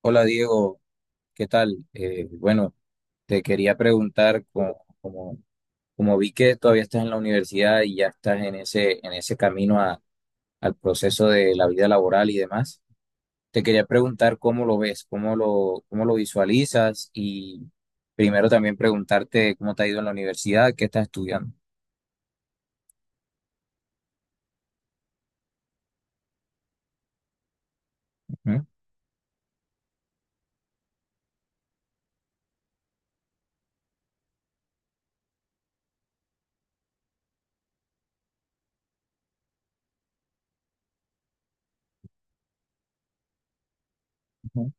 Hola Diego, ¿qué tal? Bueno, te quería preguntar, como vi que todavía estás en la universidad y ya estás en ese camino al proceso de la vida laboral y demás, te quería preguntar cómo lo ves, cómo lo visualizas y primero también preguntarte cómo te ha ido en la universidad, qué estás estudiando. Ujú. Ujú.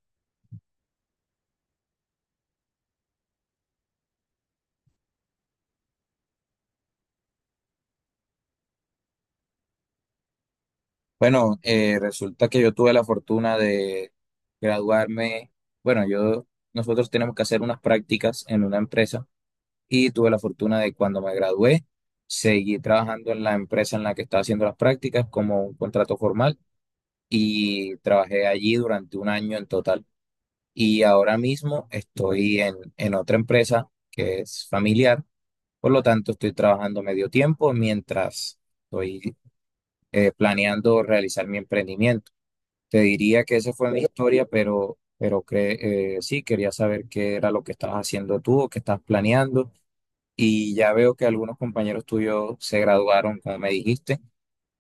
Bueno, resulta que yo tuve la fortuna de graduarme, bueno, yo, nosotros tenemos que hacer unas prácticas en una empresa y tuve la fortuna de cuando me gradué, seguí trabajando en la empresa en la que estaba haciendo las prácticas como un contrato formal y trabajé allí durante un año en total. Y ahora mismo estoy en otra empresa que es familiar, por lo tanto estoy trabajando medio tiempo mientras estoy planeando realizar mi emprendimiento. Te diría que esa fue mi historia, pero sí, quería saber qué era lo que estabas haciendo tú o qué estás planeando y ya veo que algunos compañeros tuyos se graduaron, como me dijiste.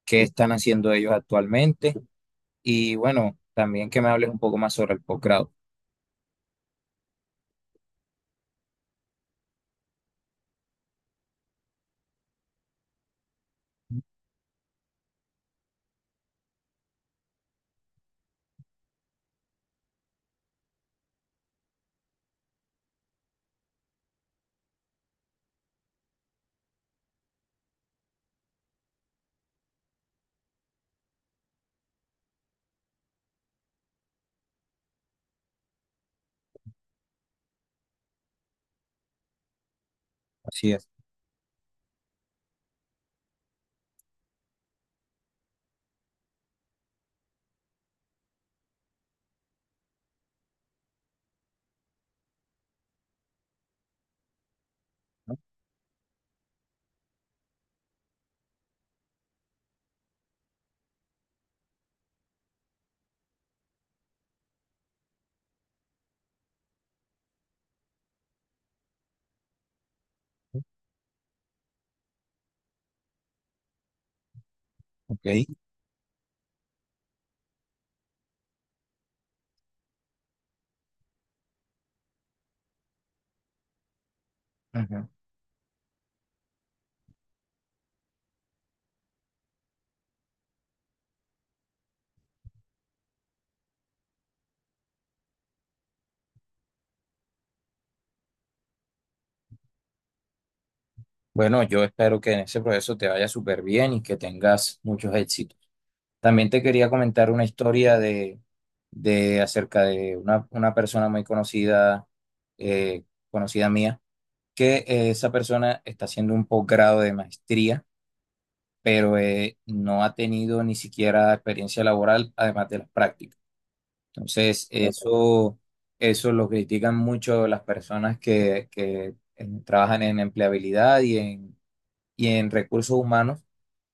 ¿Qué están haciendo ellos actualmente? Y bueno, también que me hables un poco más sobre el posgrado. Así es, ok. Ujú. Bueno, yo espero que en ese proceso te vaya súper bien y que tengas muchos éxitos. También te quería comentar una historia de acerca de una persona muy conocida, eh, conocida mía, que esa persona está haciendo un posgrado de maestría pero no ha tenido ni siquiera experiencia laboral, además de las prácticas. Entonces, eso lo critican mucho las personas que trabajan en empleabilidad y en recursos humanos,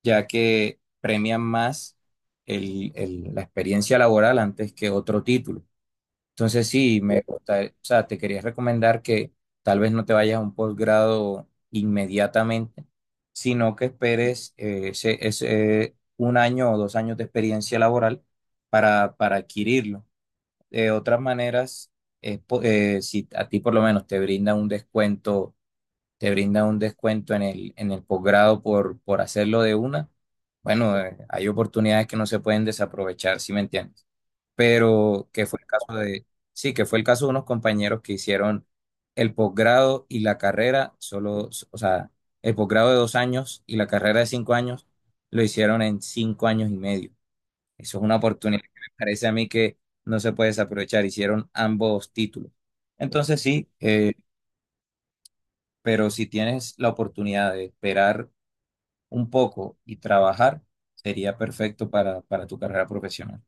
ya que premian más la experiencia laboral antes que otro título. Entonces sí, me gusta, o sea, te quería recomendar que tal vez no te vayas a un posgrado inmediatamente, sino que esperes ese un año o dos años de experiencia laboral para adquirirlo. De otras maneras, si a ti por lo menos te brinda un descuento, te brinda un descuento en en el posgrado por hacerlo de una, bueno, hay oportunidades que no se pueden desaprovechar, ¿si me entiendes? Pero que fue el caso de, sí, que fue el caso de unos compañeros que hicieron el posgrado y la carrera, solo, o sea, el posgrado de dos años y la carrera de cinco años, lo hicieron en cinco años y medio. Eso es una oportunidad que me parece a mí que no se puede desaprovechar, hicieron ambos títulos. Entonces sí, pero si tienes la oportunidad de esperar un poco y trabajar, sería perfecto para tu carrera profesional.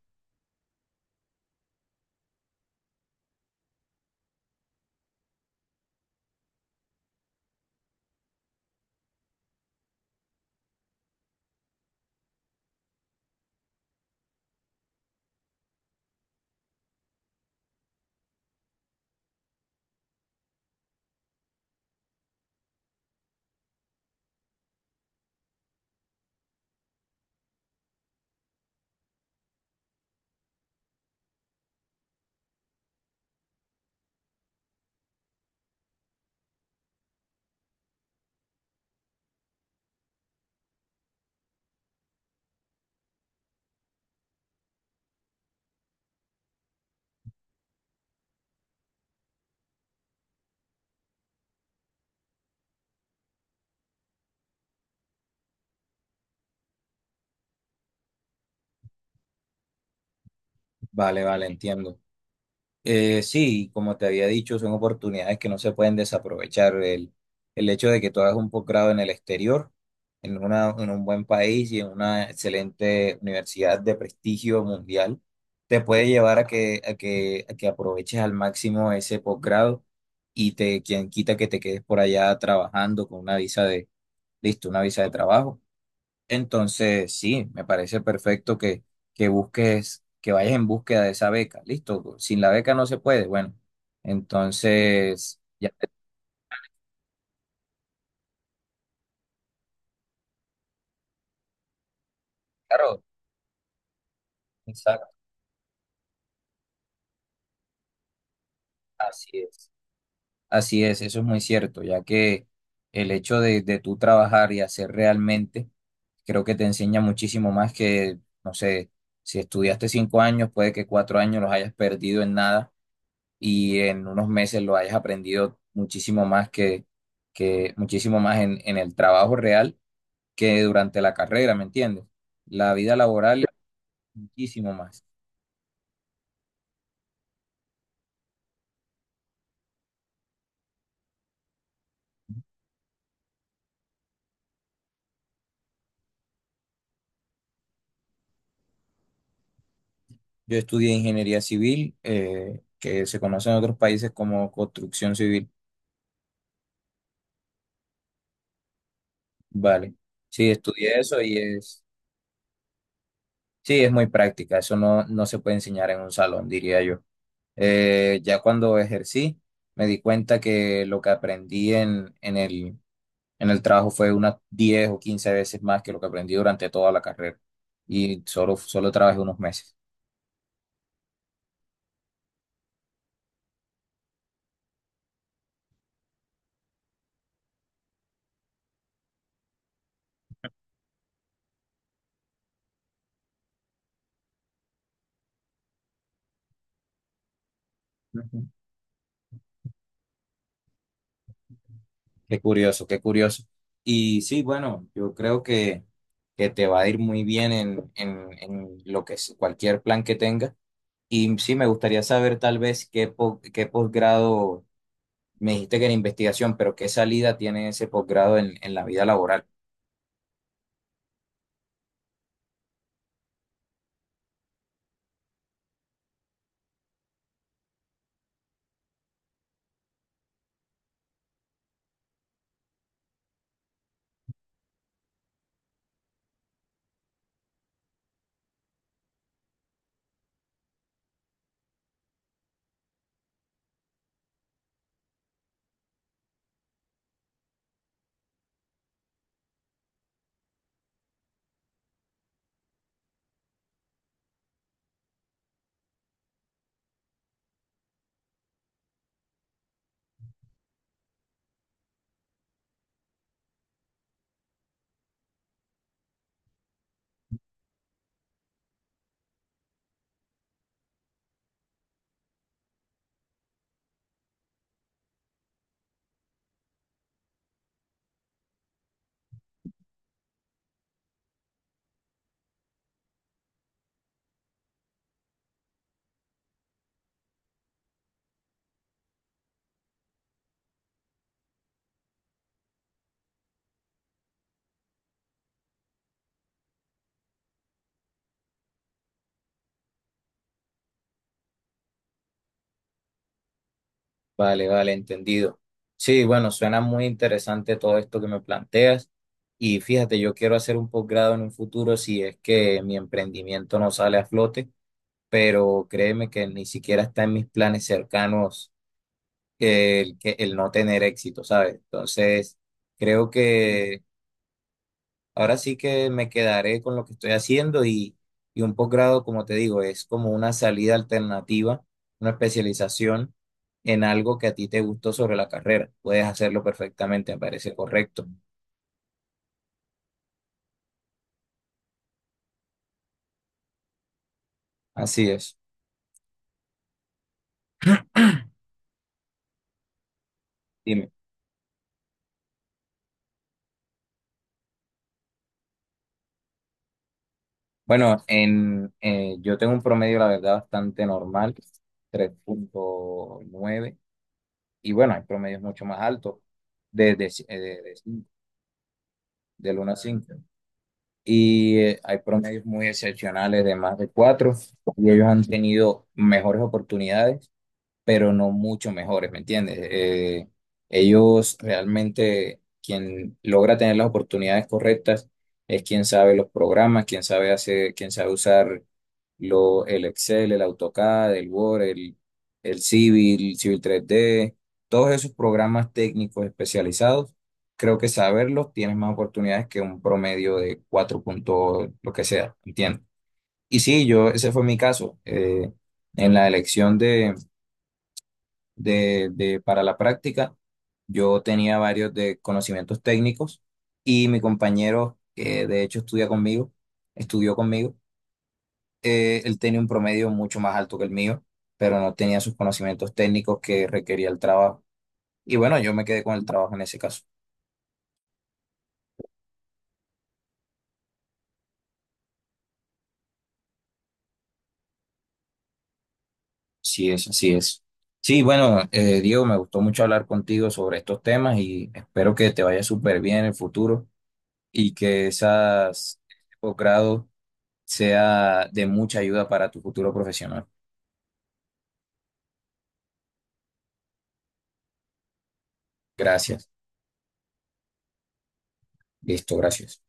Vale, vale, entiendo. Sí, como te había dicho, son oportunidades que no se pueden desaprovechar. El hecho de que tú hagas un posgrado en el exterior, en un buen país y en una excelente universidad de prestigio mundial, te puede llevar a que aproveches al máximo ese posgrado y te, quien quita que te quedes por allá trabajando con una listo, una visa de trabajo. Entonces, sí, me parece perfecto que busques, que vayas en búsqueda de esa beca. Listo, sin la beca no se puede. Bueno, entonces, ya te claro, exacto, así es. Así es, eso es muy cierto, ya que el hecho de tú trabajar y hacer realmente, creo que te enseña muchísimo más que, no sé, si estudiaste cinco años, puede que cuatro años los hayas perdido en nada y en unos meses lo hayas aprendido muchísimo más que muchísimo más en el trabajo real que durante la carrera, ¿me entiendes? La vida laboral, muchísimo más. Yo estudié ingeniería civil, que se conoce en otros países como construcción civil, ¿vale? Sí, estudié eso y es, sí, es muy práctica, eso no se puede enseñar en un salón, diría yo. Ya cuando ejercí, me di cuenta que lo que aprendí en el trabajo fue unas 10 o 15 veces más que lo que aprendí durante toda la carrera. Y solo trabajé unos meses. Ujú. Qué curioso, qué curioso. Y sí, bueno, yo creo que te va a ir muy bien en lo que es cualquier plan que tengas. Y sí, me gustaría saber tal vez qué posgrado, me dijiste que era investigación, pero qué salida tiene ese posgrado en la vida laboral. Vale, vale, entendido. Sí, bueno, suena muy interesante todo esto que me planteas. Y fíjate, yo quiero hacer un posgrado en un futuro si es que mi emprendimiento no sale a flote, pero créeme que ni siquiera está en mis planes cercanos el no tener éxito, ¿sabes? Entonces, creo que ahora sí que me quedaré con lo que estoy haciendo y un posgrado, como te digo, es como una salida alternativa, una especialización en algo que a ti te gustó sobre la carrera. Puedes hacerlo perfectamente, me parece correcto. Así es. Dime. Bueno, en, yo tengo un promedio, la verdad, bastante normal, 3.9 y bueno, hay promedios mucho más altos, de, de, de, de, de 1 a 5. Y hay promedios muy excepcionales de más de cuatro y ellos han tenido mejores oportunidades pero no mucho mejores, ¿me entiendes? Ellos realmente, quien logra tener las oportunidades correctas es quien sabe los programas, quien sabe hacer, quien sabe usar el Excel, el AutoCAD, el Word, el Civil, Civil 3D, todos esos programas técnicos especializados. Creo que saberlos tienes más oportunidades que un promedio de 4 puntos, lo que sea, ¿entiendes? Y sí, yo, ese fue mi caso. En la elección para la práctica. Yo tenía varios de conocimientos técnicos y mi compañero, que de hecho estudió conmigo, él tenía un promedio mucho más alto que el mío, pero no tenía sus conocimientos técnicos que requería el trabajo. Y bueno, yo me quedé con el trabajo en ese caso. Sí es, así es. Sí, bueno, Diego, me gustó mucho hablar contigo sobre estos temas y espero que te vaya súper bien en el futuro y que esas posgrados sea de mucha ayuda para tu futuro profesional. Gracias. Listo, gracias.